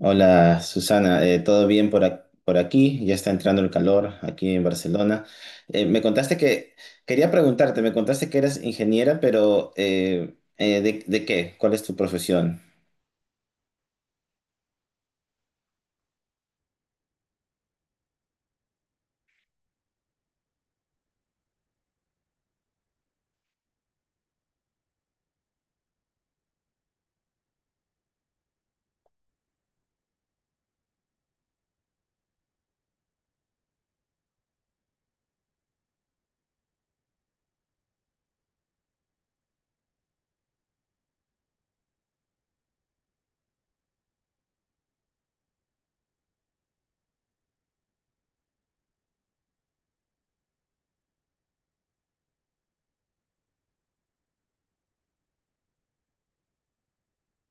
Hola Susana. ¿Todo bien por, por aquí? Ya está entrando el calor aquí en Barcelona. Eh, me contaste que, Quería preguntarte, me contaste que eras ingeniera, pero de qué? ¿Cuál es tu profesión?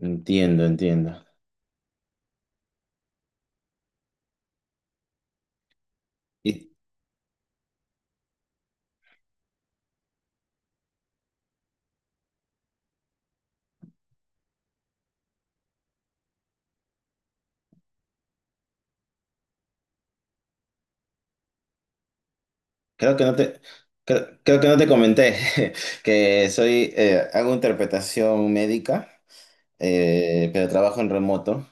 Entiendo, entiendo. Y creo que no te, creo que no te comenté que hago interpretación médica. Pero trabajo en remoto,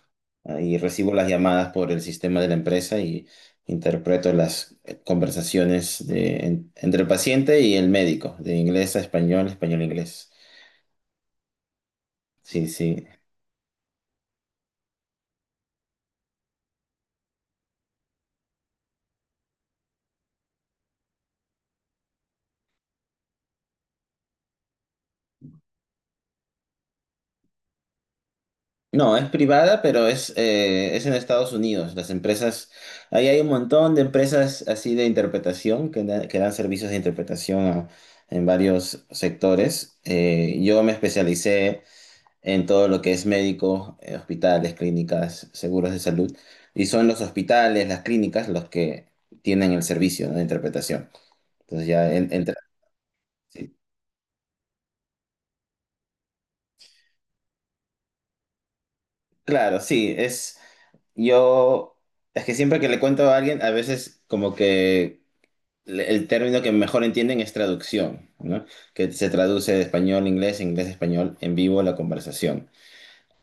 ah, y recibo las llamadas por el sistema de la empresa y interpreto las conversaciones entre el paciente y el médico, de inglés a español, español a inglés. Sí, sí. No, es privada, pero es en Estados Unidos. Las empresas, ahí hay un montón de empresas así de interpretación que, que dan servicios de interpretación a, en varios sectores. Yo me especialicé en todo lo que es médico: hospitales, clínicas, seguros de salud. Y son los hospitales, las clínicas, los que tienen el servicio, ¿no?, de interpretación. Entonces ya entra. Sí. Claro, sí, es. Yo. Es que siempre que le cuento a alguien, a veces como que el término que mejor entienden es traducción, ¿no? Que se traduce de español a inglés, inglés a español, en vivo la conversación.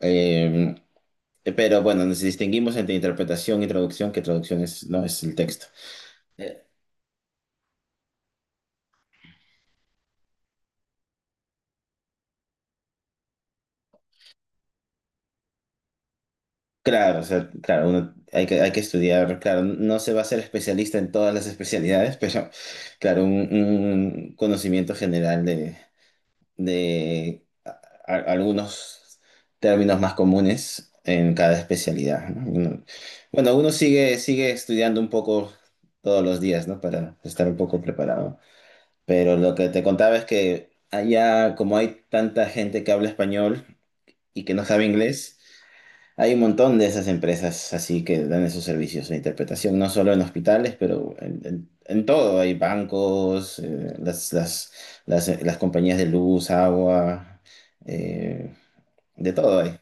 Eh, pero bueno, nos distinguimos entre interpretación y traducción, que traducción es, no es el texto. Claro, o sea, claro, uno hay que estudiar, claro, no se va a ser especialista en todas las especialidades, pero claro, un conocimiento general de, de a- algunos términos más comunes en cada especialidad, ¿no? Bueno, sigue estudiando un poco todos los días, ¿no? Para estar un poco preparado. Pero lo que te contaba es que allá, como hay tanta gente que habla español y que no sabe inglés, hay un montón de esas empresas así que dan esos servicios de interpretación, no solo en hospitales, pero en, en todo. Hay bancos, las compañías de luz, agua, eh, de todo hay.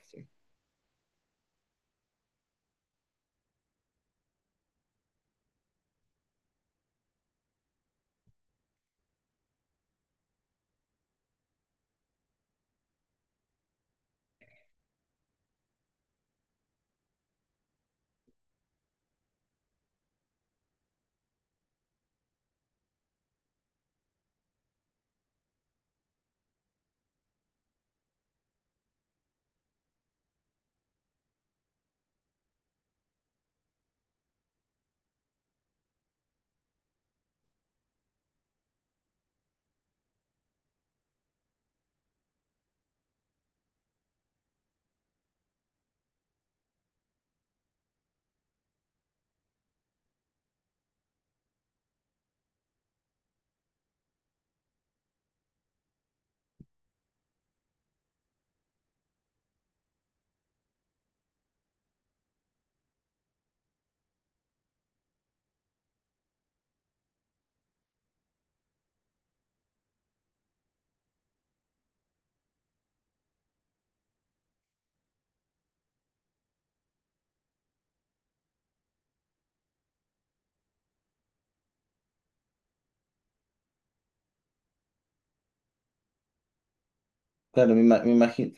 Claro, me imagino...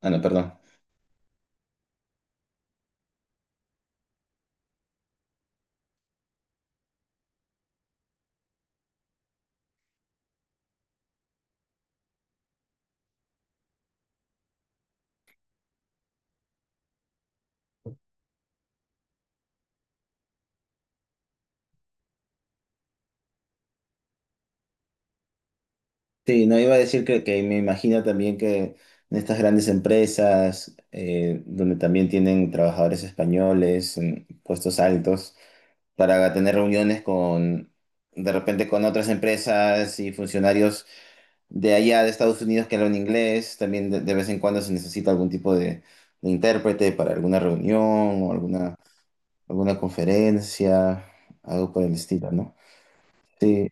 Ah, no, perdón. Sí, no iba a decir que me imagino también que en estas grandes empresas, donde también tienen trabajadores españoles en puestos altos, para tener reuniones con, de repente, con otras empresas y funcionarios de allá de Estados Unidos que hablan inglés. También de vez en cuando se necesita algún tipo de intérprete para alguna reunión o alguna conferencia, algo por el estilo, ¿no? Sí,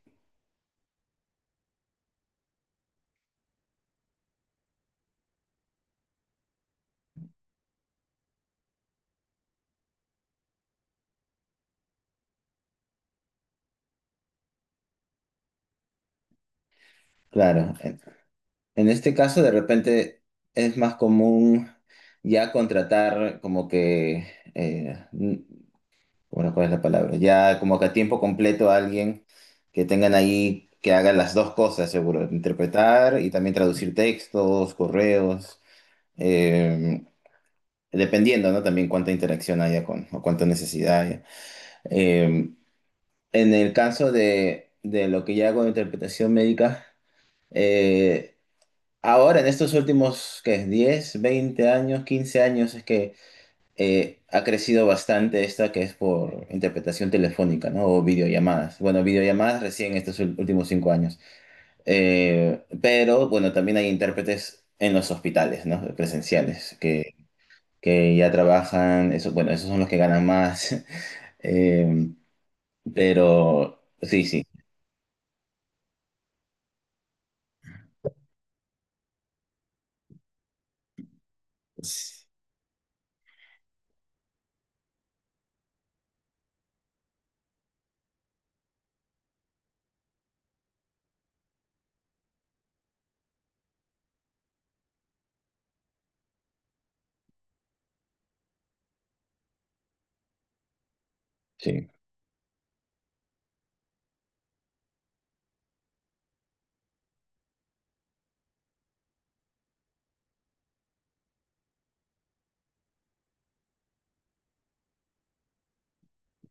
claro. En este caso, de repente, es más común ya contratar como que... eh, Bueno, ¿cuál es la palabra? Ya como que a tiempo completo a alguien que tengan ahí, que haga las dos cosas, seguro, interpretar y también traducir textos, correos, eh, dependiendo, ¿no? También cuánta interacción haya con, o cuánta necesidad haya. Eh, en el caso de lo que ya hago de interpretación médica, eh, ahora en estos últimos, ¿qué?, 10 20 años, 15 años, es que ha crecido bastante esta que es por interpretación telefónica, ¿no?, o videollamadas. Bueno, videollamadas recién estos últimos 5 años. Pero bueno, también hay intérpretes en los hospitales, ¿no? Presenciales, que ya trabajan, eso, bueno, esos son los que ganan más. Eh, pero sí, sí. Sí.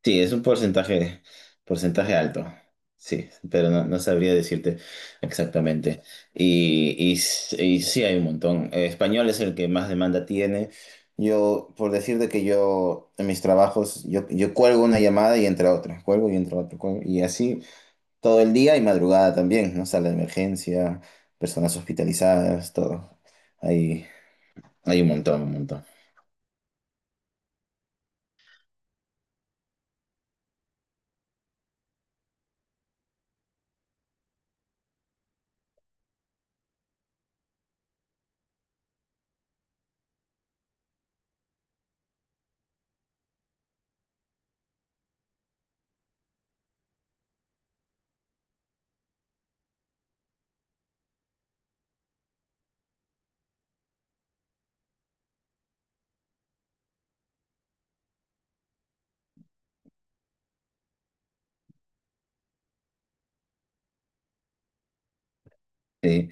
Sí, es un porcentaje alto. Sí, pero no, no sabría decirte exactamente. Y sí hay un montón. Español es el que más demanda tiene. Yo, por decirte que yo, en mis trabajos, yo cuelgo una llamada y entra otra, cuelgo y entra otra, cuelgo, y así todo el día y madrugada también, ¿no? Sala de emergencia, personas hospitalizadas, todo. Hay, Hay un montón, un montón. Sí.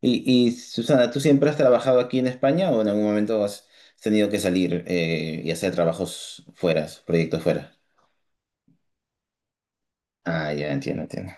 Y Susana, ¿tú siempre has trabajado aquí en España o en algún momento has tenido que salir y hacer trabajos fuera, proyectos fuera? Ah, ya entiendo, entiendo.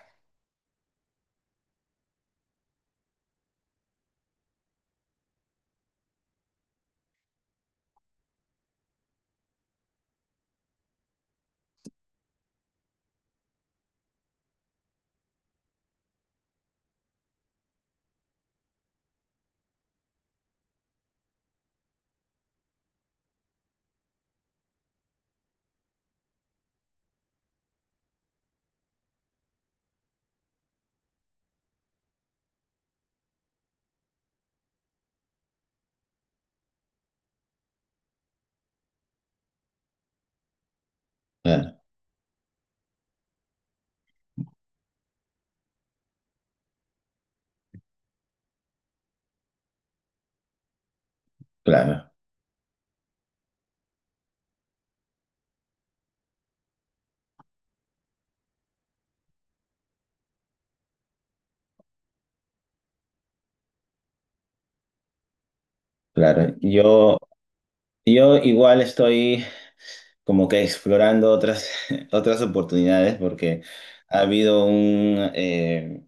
Claro, claro, claro. Yo igual estoy como que explorando otras otras oportunidades porque ha habido un...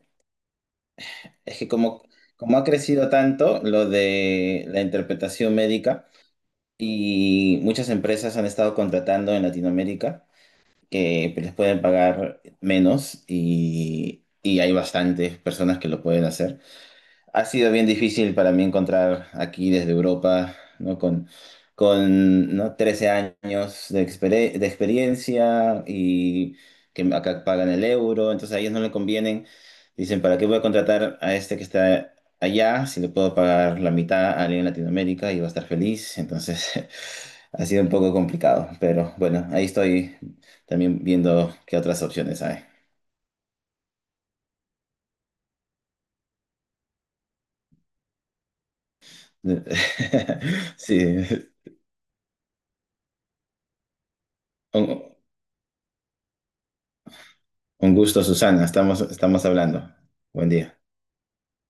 es que como ha crecido tanto lo de la interpretación médica y muchas empresas han estado contratando en Latinoamérica, que les pueden pagar menos y hay bastantes personas que lo pueden hacer. Ha sido bien difícil para mí encontrar aquí desde Europa, ¿no? Con, ¿no?, 13 años de, exper de experiencia, y que acá pagan el euro, entonces a ellos no le convienen. Dicen, ¿para qué voy a contratar a este que está allá si le puedo pagar la mitad a alguien en Latinoamérica y va a estar feliz? Entonces ha sido un poco complicado, pero bueno, ahí estoy también viendo qué otras opciones hay. Sí. Un gusto, Susana. Estamos, estamos hablando. Buen día.